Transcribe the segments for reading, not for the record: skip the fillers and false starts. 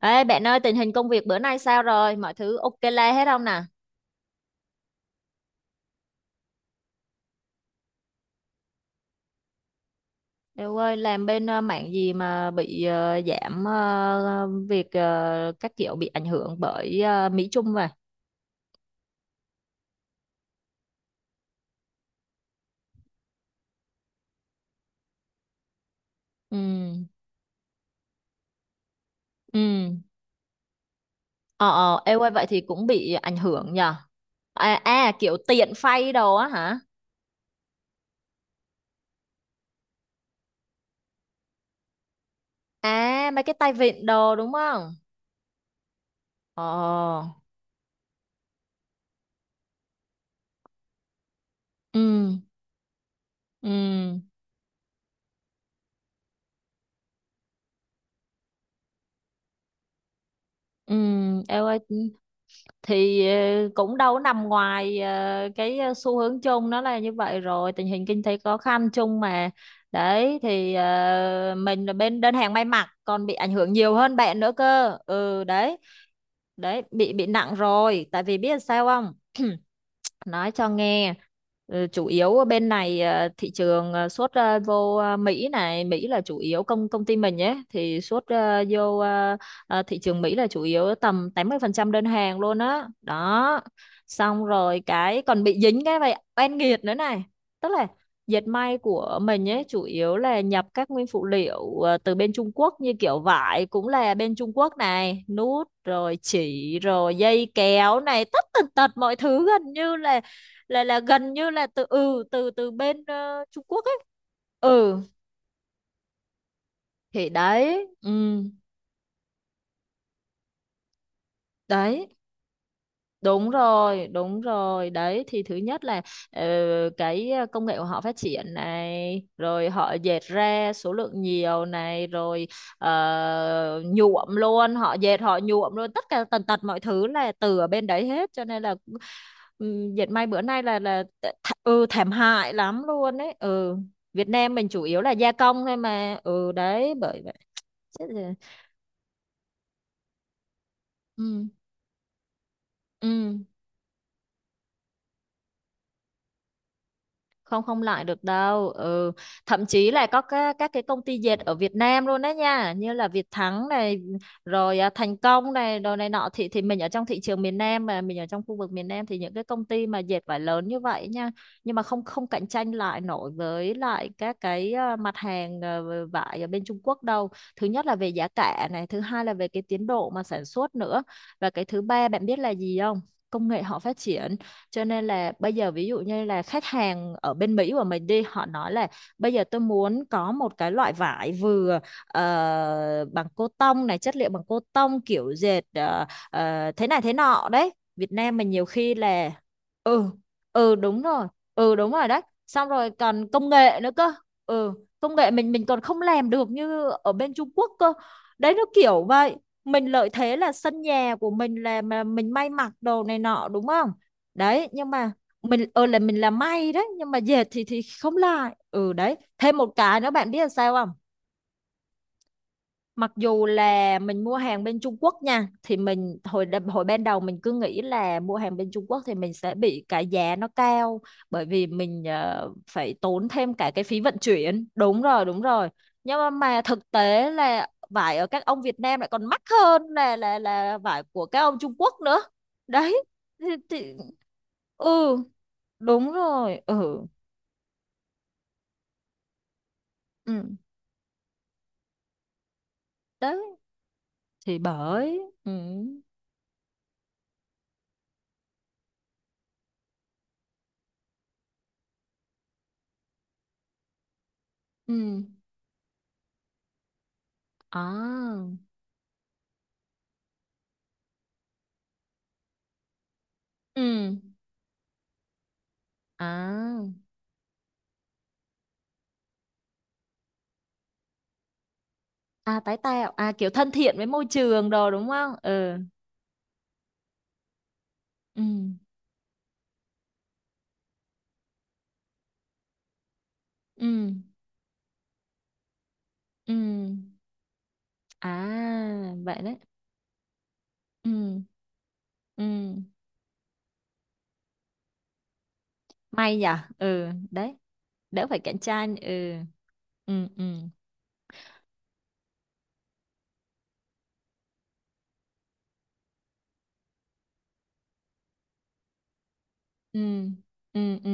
Ê bạn ơi, tình hình công việc bữa nay sao rồi? Mọi thứ ok la hết không nè? Đều ơi làm bên mảng gì mà bị giảm việc các kiểu bị ảnh hưởng bởi Mỹ Trung vậy? Ừ. Ừ. Ờ ê ơi vậy thì cũng bị ảnh hưởng nhờ. À, kiểu tiện phay đồ á hả? À, mấy cái tay vịn đồ đúng không? Ờ. Ừ. Ừ. Ừ. Ê ơi, thì cũng đâu có nằm ngoài cái xu hướng chung, nó là như vậy rồi, tình hình kinh tế khó khăn chung mà. Đấy thì mình là bên đơn hàng may mặc còn bị ảnh hưởng nhiều hơn bạn nữa cơ. Ừ đấy. Đấy, bị nặng rồi, tại vì biết sao không, nói cho nghe. Ừ, chủ yếu ở bên này thị trường xuất vô Mỹ này, Mỹ là chủ yếu, công công ty mình nhé thì xuất vô, ờ, thị trường Mỹ là chủ yếu, tầm 80% đơn hàng luôn á đó. Xong rồi cái còn bị dính cái vậy oan nghiệt nữa này, tức là dệt may của mình ấy chủ yếu là nhập các nguyên phụ liệu từ bên Trung Quốc, như kiểu vải cũng là bên Trung Quốc này, nút rồi chỉ rồi dây kéo này, tất tần tật mọi thứ gần như là gần như là từ ừ từ từ bên Trung Quốc ấy. Ừ, thì đấy, ừ. Đấy. Đúng rồi, đúng rồi. Đấy thì thứ nhất là ờ, cái công nghệ của họ phát triển này, rồi họ dệt ra số lượng nhiều này, rồi nhuộm luôn, họ dệt họ nhuộm luôn, tất cả tần tật mọi thứ là từ ở bên đấy hết, cho nên là dệt may bữa nay là ừ, thảm hại lắm luôn đấy. Ừ. Việt Nam mình chủ yếu là gia công thôi mà. Ừ đấy, bởi vậy. Chết rồi. Ừ. Ừ. không không lại được đâu. Ừ. Thậm chí là có các cái công ty dệt ở Việt Nam luôn đấy nha, như là Việt Thắng này, rồi à, Thành Công này, đồ này nọ, thì mình ở trong thị trường miền Nam, mà mình ở trong khu vực miền Nam thì những cái công ty mà dệt vải lớn như vậy nha, nhưng mà không không cạnh tranh lại nổi với lại các cái à, mặt hàng, à, vải ở bên Trung Quốc đâu. Thứ nhất là về giá cả này, thứ hai là về cái tiến độ mà sản xuất nữa, và cái thứ ba bạn biết là gì không? Công nghệ họ phát triển, cho nên là bây giờ ví dụ như là khách hàng ở bên Mỹ của mình đi, họ nói là bây giờ tôi muốn có một cái loại vải vừa bằng cô tông này, chất liệu bằng cô tông, kiểu dệt thế này thế nọ đấy, Việt Nam mình nhiều khi là. Ừ. Ừ, đúng rồi. Ừ, đúng rồi đấy. Xong rồi còn công nghệ nữa cơ. Ừ, công nghệ mình còn không làm được như ở bên Trung Quốc cơ. Đấy nó kiểu vậy. Mình lợi thế là sân nhà của mình, là mà mình may mặc đồ này nọ đúng không, đấy, nhưng mà mình là mình làm may đấy, nhưng mà dệt thì không lại. Ừ đấy, thêm một cái nữa bạn biết là sao không? Mặc dù là mình mua hàng bên Trung Quốc nha, thì mình hồi ban đầu mình cứ nghĩ là mua hàng bên Trung Quốc thì mình sẽ bị cái giá nó cao, bởi vì mình phải tốn thêm cả cái phí vận chuyển. Đúng rồi, đúng rồi. Nhưng mà, thực tế là vải ở các ông Việt Nam lại còn mắc hơn là vải của các ông Trung Quốc nữa. Đấy thì, ừ, đúng rồi. Ừ. Ừ đấy, thì bởi. Ừ. Ừ. À. Ừ. À, tái tạo à, kiểu thân thiện với môi trường đồ đúng không. Ừ. Ừ. Ừ. Ừ. À, vậy đấy. Ừ. Ừ. May nhở. Ừ đấy, đỡ phải cạnh tranh. Ừ. Ừ. Ừ. Ừ. Ừ. Ừ.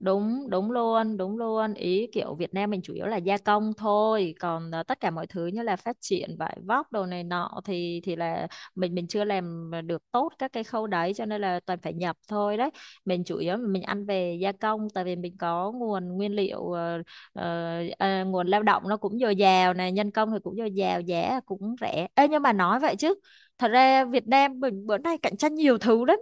Đúng, đúng luôn, đúng luôn. Ý kiểu Việt Nam mình chủ yếu là gia công thôi, còn à, tất cả mọi thứ như là phát triển vải vóc đồ này nọ thì là mình chưa làm được tốt các cái khâu đấy, cho nên là toàn phải nhập thôi đấy. Mình chủ yếu mình ăn về gia công, tại vì mình có nguồn nguyên liệu ờ, à, nguồn lao động nó cũng dồi dào này, nhân công thì cũng dồi dào, giá cũng rẻ. Ê, nhưng mà nói vậy chứ, thật ra Việt Nam mình bữa nay cạnh tranh nhiều thứ lắm,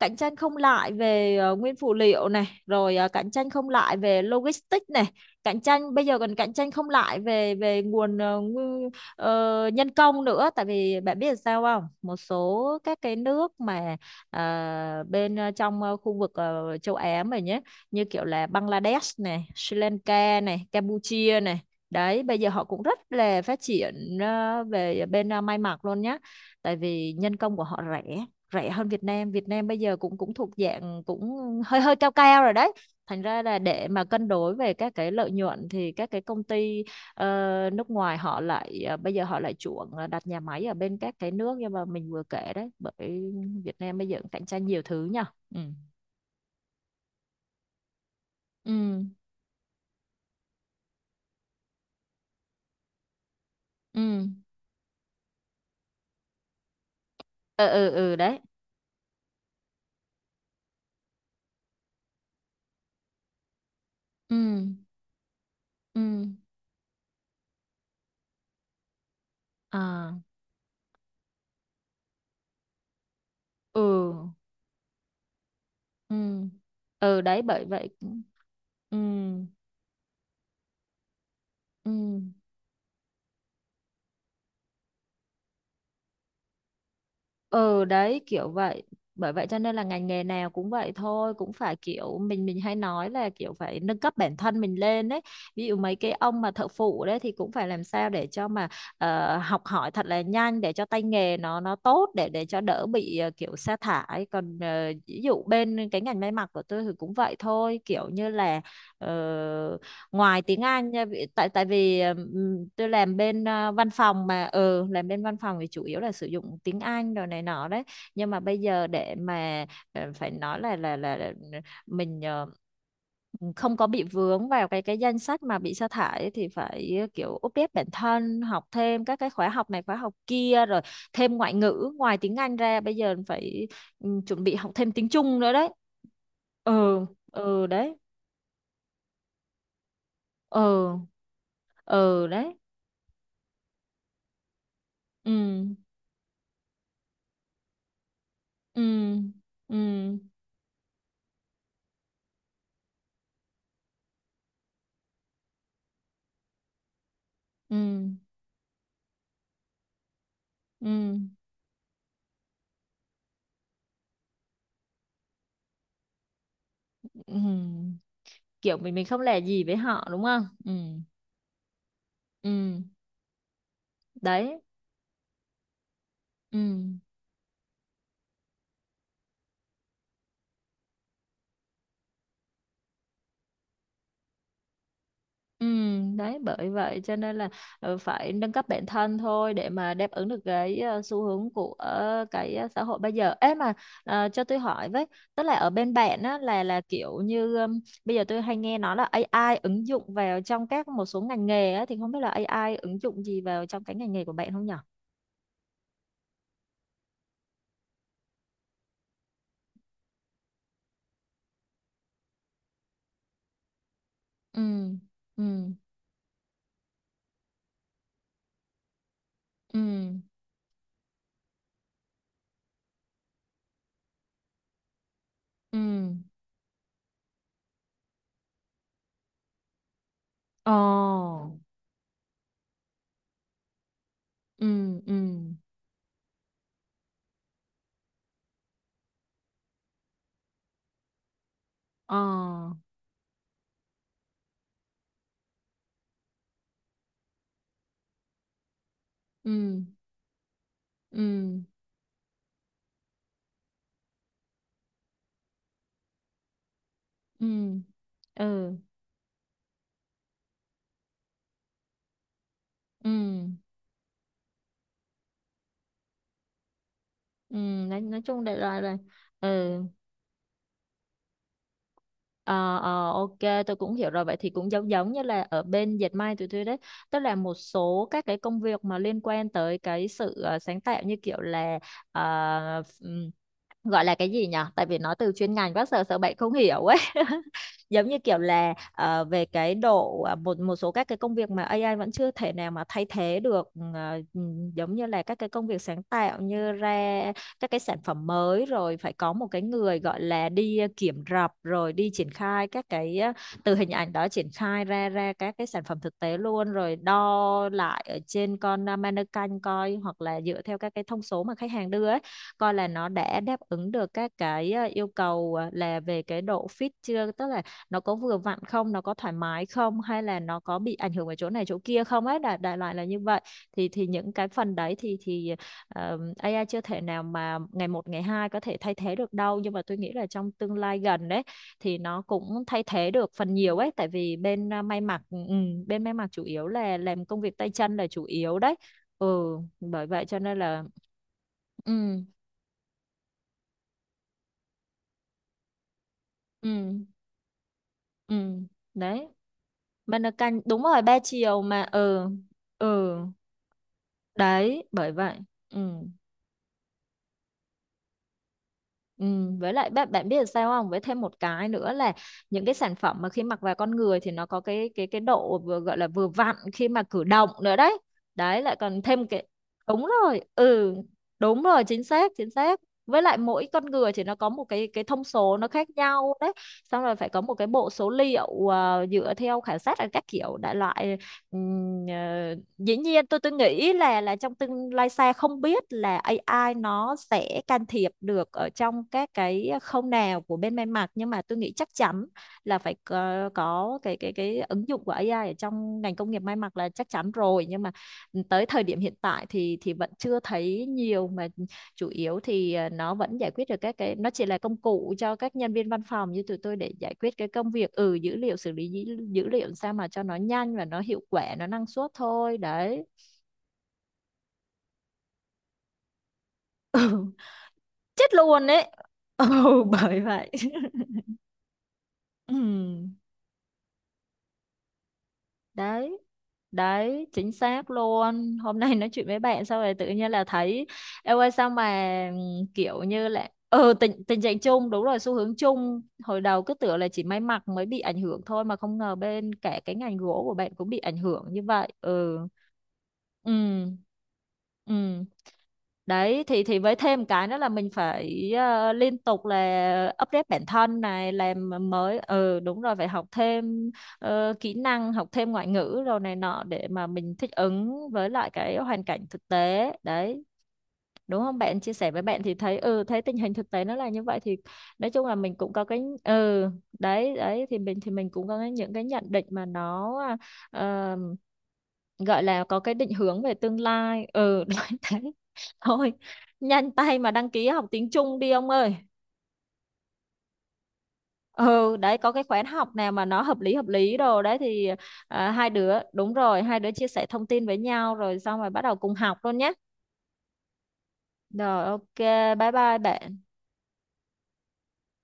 cạnh tranh không lại về nguyên phụ liệu này, rồi cạnh tranh không lại về logistics này, cạnh tranh bây giờ còn cạnh tranh không lại về về nguồn nhân công nữa. Tại vì bạn biết là sao không, một số các cái nước mà ờ, bên trong khu vực châu Á mình nhé, như kiểu là Bangladesh này, Sri Lanka này, Campuchia này đấy, bây giờ họ cũng rất là phát triển về bên may mặc luôn nhé, tại vì nhân công của họ rẻ rẻ hơn Việt Nam bây giờ cũng cũng thuộc dạng cũng hơi hơi cao cao rồi đấy. Thành ra là để mà cân đối về các cái lợi nhuận thì các cái công ty nước ngoài họ lại bây giờ họ lại chuộng đặt nhà máy ở bên các cái nước nhưng mà mình vừa kể đấy, bởi Việt Nam bây giờ cũng cạnh tranh nhiều thứ nha. Ừ. Ừ. Ừ. Ừ. Ừ, ừ đấy. Ừ. Ừ. À. Ừ. Ừ. Ừ đấy, bởi vậy. Ừ. Ừ. Ừ đấy, kiểu vậy. Bởi vậy cho nên là ngành nghề nào cũng vậy thôi, cũng phải kiểu, mình hay nói là kiểu phải nâng cấp bản thân mình lên đấy. Ví dụ mấy cái ông mà thợ phụ đấy thì cũng phải làm sao để cho mà học hỏi thật là nhanh, để cho tay nghề nó tốt, để cho đỡ bị kiểu sa thải. Còn ví dụ bên cái ngành may mặc của tôi thì cũng vậy thôi, kiểu như là ờ, ngoài tiếng Anh nha, tại tại vì tôi làm bên văn phòng mà. Ừ, làm bên văn phòng thì chủ yếu là sử dụng tiếng Anh rồi này nọ đấy, nhưng mà bây giờ để mà phải nói là mình không có bị vướng vào cái danh sách mà bị sa thải ấy thì phải kiểu update bản thân, học thêm các cái khóa học này khóa học kia, rồi thêm ngoại ngữ ngoài tiếng Anh ra, bây giờ phải, ừ, chuẩn bị học thêm tiếng Trung nữa đấy. Ừ. Ừ đấy. Ừ. Ừ đấy. Ừ. Ừ. Ừ. Ừ. Ừ. Ừ. Kiểu mình không lẻ gì với họ đúng không. Ừ. Ừ đấy. Ừ. Ừ đấy, bởi vậy cho nên là phải nâng cấp bản thân thôi để mà đáp ứng được cái xu hướng của cái xã hội bây giờ ấy mà. Cho tôi hỏi với, tức là ở bên bạn á là kiểu như bây giờ tôi hay nghe nói là AI ứng dụng vào trong các một số ngành nghề á thì không biết là AI ứng dụng gì vào trong cái ngành nghề của bạn không nhở. Ừ. Ừ. Ừ. Ừ. Ờ. Ừ. Ừ. Ờ. Ừ. Ừ. Ừ. Ừ. Ừ. Ừ. Nói chung đại loại là. Ừ. Ờ, ờ, ok. Tôi cũng hiểu rồi, vậy thì cũng giống giống như là ở bên dệt may tụi tôi đấy, tức là một số các cái công việc mà liên quan tới cái sự sáng tạo như kiểu là ờ, ừm, gọi là cái gì nhỉ, tại vì nó từ chuyên ngành, bác sợ sợ bạn không hiểu ấy, giống như kiểu là về cái độ à, một một số các cái công việc mà AI vẫn chưa thể nào mà thay thế được, ờ, ừ, giống như là các cái công việc sáng tạo như ra các cái sản phẩm mới, rồi phải có một cái người gọi là đi kiểm rập rồi đi triển khai các cái từ hình ảnh đó triển khai ra ra các cái sản phẩm thực tế luôn, rồi đo lại ở trên con mannequin coi, hoặc là dựa theo các cái thông số mà khách hàng đưa ấy coi Là nó đã đáp ứng được các cái yêu cầu, là về cái độ fit chưa, tức là nó có vừa vặn không, nó có thoải mái không, hay là nó có bị ảnh hưởng ở chỗ này chỗ kia không ấy, đại đại loại là như vậy. Thì những cái phần đấy thì AI chưa thể nào mà ngày một ngày hai có thể thay thế được đâu, nhưng mà tôi nghĩ là trong tương lai gần đấy thì nó cũng thay thế được phần nhiều ấy, tại vì bên may mặc. Ừ, ừ, bên may mặc chủ yếu là làm công việc tay chân là chủ yếu đấy. Ừ, bởi vậy cho nên là ừ, ừ, ừ, đấy. Mà nó canh đúng rồi, ba chiều mà. Ừ. Ừ. Đấy, bởi vậy. Ừ. Ừ. Với lại bạn bạn biết là sao không? Với thêm một cái nữa là những cái sản phẩm mà khi mặc vào con người thì nó có cái độ vừa, gọi là vừa vặn khi mà cử động nữa đấy. Đấy lại còn thêm cái đúng rồi. Ừ, đúng rồi, chính xác, chính xác. Với lại mỗi con người thì nó có một cái thông số nó khác nhau đấy. Xong rồi phải có một cái bộ số liệu dựa theo khảo sát ở các kiểu đại loại. Ừ, dĩ nhiên tôi nghĩ là trong tương lai xa không biết là AI nó sẽ can thiệp được ở trong các cái khâu nào của bên may mặc, nhưng mà tôi nghĩ chắc chắn là phải có cái ứng dụng của AI ở trong ngành công nghiệp may mặc là chắc chắn rồi. Nhưng mà tới thời điểm hiện tại thì vẫn chưa thấy nhiều, mà chủ yếu thì nó vẫn giải quyết được các cái, nó chỉ là công cụ cho các nhân viên văn phòng như tụi tôi để giải quyết cái công việc, ừ, dữ liệu, xử lý dữ, liệu sao mà cho nó nhanh và nó hiệu quả, nó năng suất thôi đấy. Ừ, chết luôn đấy. Ừ, bởi vậy. Ừ. Đấy đấy, chính xác luôn, hôm nay nói chuyện với bạn xong rồi tự nhiên là thấy em ơi sao mà kiểu như là, ừ, tình tình trạng chung đúng rồi, xu hướng chung, hồi đầu cứ tưởng là chỉ may mặc mới bị ảnh hưởng thôi mà không ngờ bên cả cái ngành gỗ của bạn cũng bị ảnh hưởng như vậy. Ừ. Ừ. Ừ, đấy thì với thêm cái nữa là mình phải liên tục là update bản thân này, làm mới, ừ, đúng rồi, phải học thêm kỹ năng, học thêm ngoại ngữ rồi này nọ để mà mình thích ứng với lại cái hoàn cảnh thực tế đấy, đúng không bạn. Chia sẻ với bạn thì thấy, ừ, thấy tình hình thực tế nó là như vậy thì nói chung là mình cũng có cái, ừ, đấy đấy thì mình cũng có cái- những cái nhận định mà nó ờ, gọi là có cái định hướng về tương lai. Ừ, nói thế thôi, nhanh tay mà đăng ký học tiếng Trung đi ông ơi. Ừ, đấy có cái khóa học nào mà nó hợp lý đồ đấy thì, hai đứa đúng rồi, hai đứa chia sẻ thông tin với nhau rồi xong rồi bắt đầu cùng học luôn nhé. Rồi, ok, bye bye bạn.